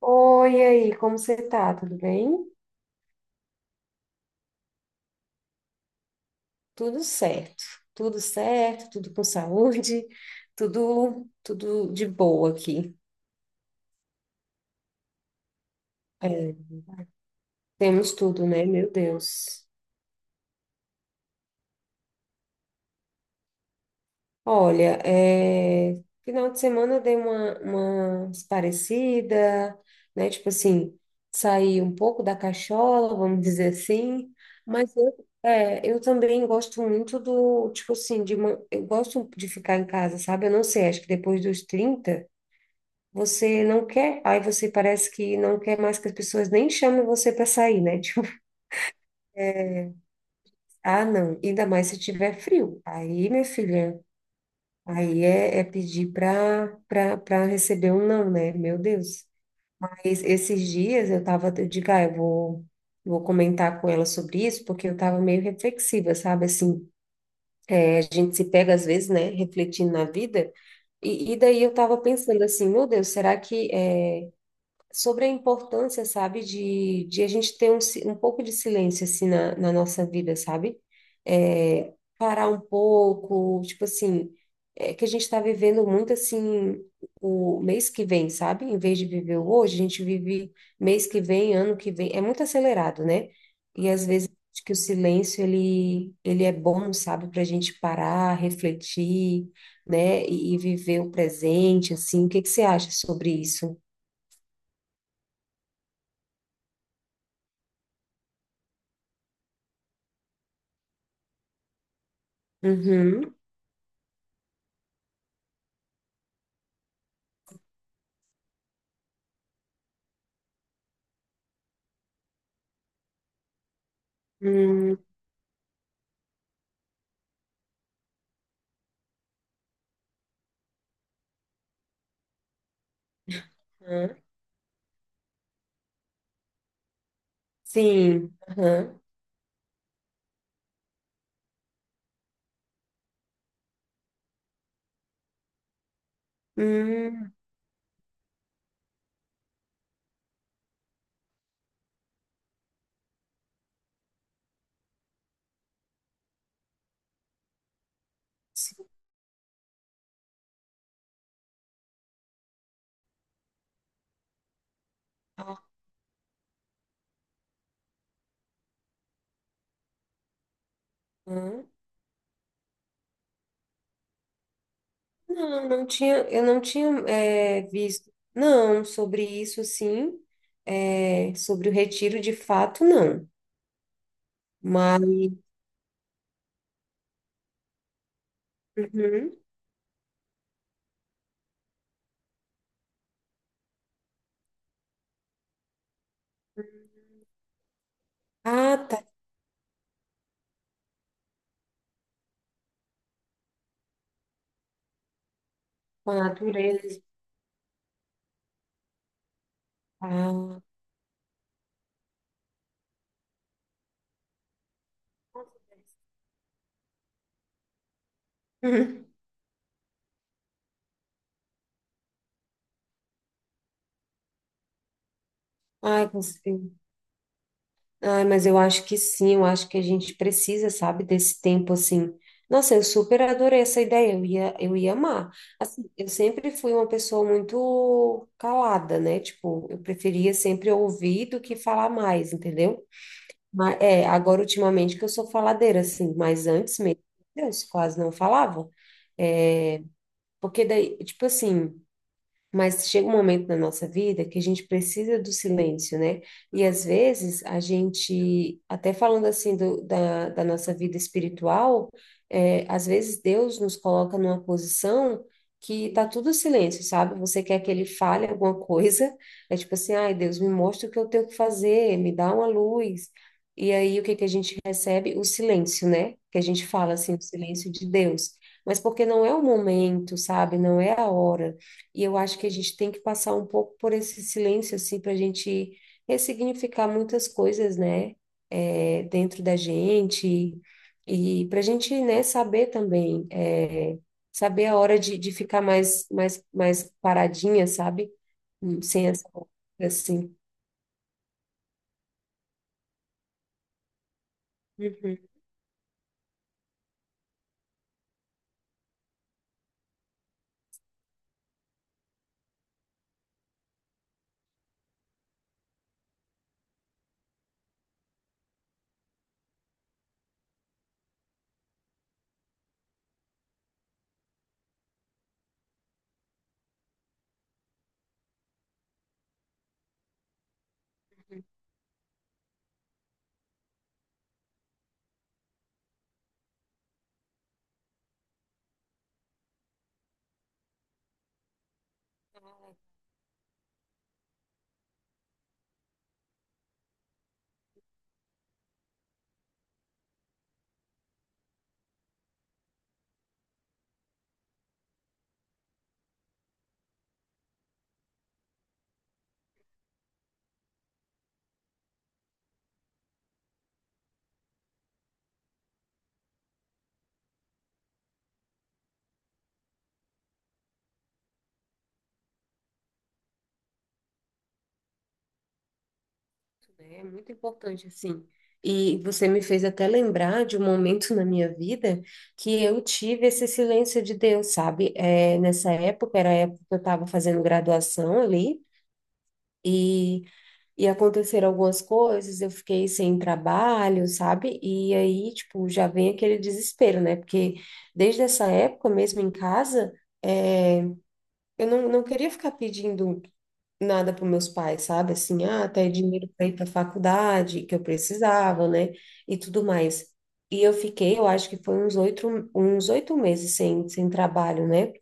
Oi, e aí, como você tá? Tudo bem? Tudo certo, tudo certo, tudo com saúde, tudo de boa aqui. É, temos tudo, né? Meu Deus. Olha, final de semana eu dei uma parecida, né? Tipo assim, saí um pouco da cachola, vamos dizer assim, mas eu também gosto muito do, tipo assim, de, eu gosto de ficar em casa, sabe? Eu não sei, acho que depois dos 30. Você não quer, aí você parece que não quer mais que as pessoas nem chamem você para sair, né? Tipo, ah, não, ainda mais se tiver frio. Aí, minha filha, aí é pedir para receber um não, né? Meu Deus. Aí, esses dias eu tava, eu digo, ah, eu vou comentar com ela sobre isso, porque eu tava meio reflexiva, sabe? Assim, a gente se pega às vezes, né, refletindo na vida. E daí eu tava pensando assim, meu Deus, será que é sobre a importância, sabe, de a gente ter um pouco de silêncio, assim, na nossa vida, sabe? É, parar um pouco, tipo assim, é que a gente está vivendo muito, assim, o mês que vem, sabe? Em vez de viver o hoje, a gente vive mês que vem, ano que vem, é muito acelerado, né? E às vezes acho que o silêncio, ele é bom, sabe, para a gente parar, refletir, né, e viver o presente, assim, o que que você acha sobre isso? Uhum. Uhum. Sim. Aham. Hum, sim. Aham. Não, não tinha, eu não tinha visto, não, sobre isso, sim, sobre o retiro de fato, não, mas, uhum. Ah, tá, madureza, ah, uhum. Ai, ai mas eu acho que sim, eu acho que a gente precisa, sabe, desse tempo assim. Nossa, eu super adorei essa ideia, eu ia amar. Assim, eu sempre fui uma pessoa muito calada, né? Tipo, eu preferia sempre ouvir do que falar mais, entendeu? Mas, agora ultimamente que eu sou faladeira, assim, mas antes mesmo, meu Deus, quase não falava. É, porque daí, tipo assim. Mas chega um momento na nossa vida que a gente precisa do silêncio, né? E às vezes a gente, até falando assim da nossa vida espiritual, às vezes Deus nos coloca numa posição que tá tudo silêncio, sabe? Você quer que ele fale alguma coisa, é tipo assim, ai, Deus, me mostra o que eu tenho que fazer, me dá uma luz. E aí o que que a gente recebe? O silêncio, né? Que a gente fala assim, o silêncio de Deus. Mas porque não é o momento, sabe? Não é a hora. E eu acho que a gente tem que passar um pouco por esse silêncio, assim, para a gente ressignificar muitas coisas, né, dentro da gente, e para a gente, né, saber também, saber a hora de ficar mais, mais, mais paradinha, sabe? Sem essa, assim. Uhum. É muito importante, assim. E você me fez até lembrar de um momento na minha vida que eu tive esse silêncio de Deus, sabe? É, nessa época, era a época que eu estava fazendo graduação ali, e, e aconteceram algumas coisas, eu fiquei sem trabalho, sabe? E aí, tipo, já vem aquele desespero, né? Porque desde essa época, mesmo em casa, é, eu não queria ficar pedindo nada para meus pais, sabe? Assim, ah, até dinheiro para ir para faculdade, que eu precisava, né? E tudo mais. E eu fiquei, eu acho que foi uns oito meses sem trabalho, né?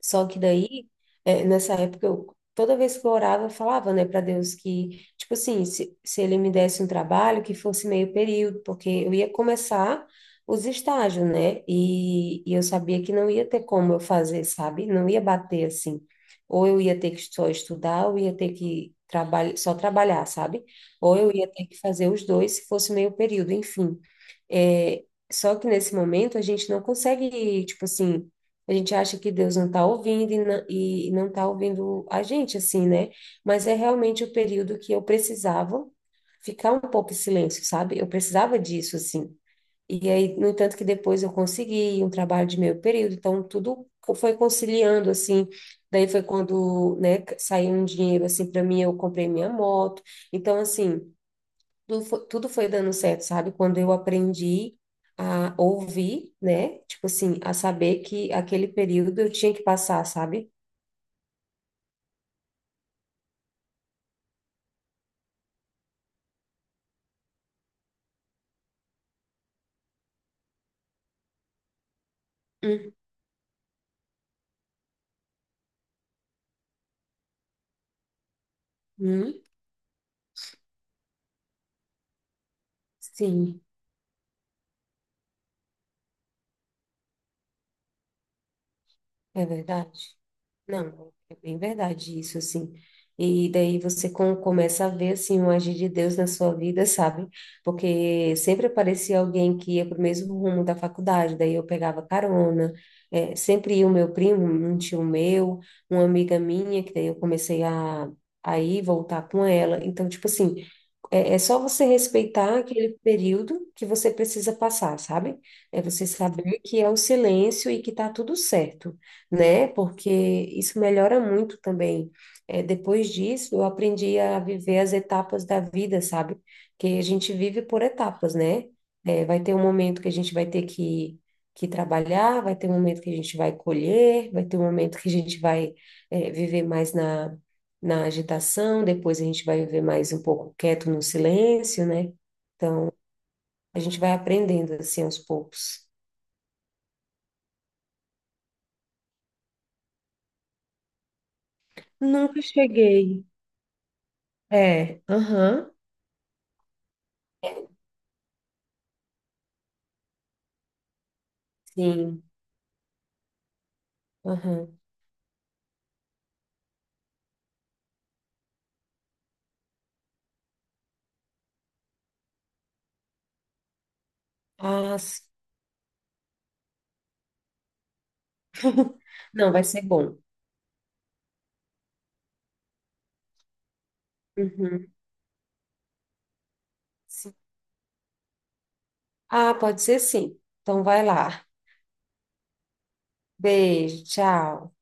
Só que daí, nessa época, eu, toda vez que eu orava, eu falava, né, para Deus que, tipo assim, se ele me desse um trabalho, que fosse meio período, porque eu ia começar os estágios, né, e eu sabia que não ia ter como eu fazer, sabe? Não ia bater assim. Ou eu ia ter que só estudar, ou ia ter que trabalhar, só trabalhar, sabe? Ou eu ia ter que fazer os dois, se fosse meio período, enfim. É só que nesse momento a gente não consegue, tipo assim a gente acha que Deus não está ouvindo e não está ouvindo a gente, assim, né? Mas é realmente o período que eu precisava ficar um pouco em silêncio, sabe? Eu precisava disso, assim. E aí, no entanto, que depois eu consegui um trabalho de meio período, então tudo foi conciliando, assim. Daí foi quando, né, saiu um dinheiro, assim, para mim, eu comprei minha moto. Então, assim tudo foi dando certo, sabe? Quando eu aprendi a ouvir, né? Tipo assim, a saber que aquele período eu tinha que passar, sabe? Uhum, sim, é verdade. Não, é bem verdade isso, assim. E daí você começa a ver, assim, um agir de Deus na sua vida, sabe? Porque sempre aparecia alguém que ia para o mesmo rumo da faculdade, daí eu pegava carona, sempre ia o meu primo, um tio meu, uma amiga minha, que daí eu comecei a ir, voltar com ela. Então, tipo assim, é só você respeitar aquele período que você precisa passar, sabe? É você saber que é o silêncio e que tá tudo certo, né? Porque isso melhora muito também. É, depois disso, eu aprendi a viver as etapas da vida, sabe? Que a gente vive por etapas, né? É, vai ter um momento que a gente vai ter que trabalhar, vai ter um momento que a gente vai colher, vai ter um momento que a gente vai, viver mais na agitação, depois a gente vai viver mais um pouco quieto no silêncio, né? Então, a gente vai aprendendo assim aos poucos. Nunca cheguei. É, aham, sim, aham. Ah, não, vai ser bom. Uhum, sim. Ah, pode ser sim. Então, vai lá. Beijo, tchau.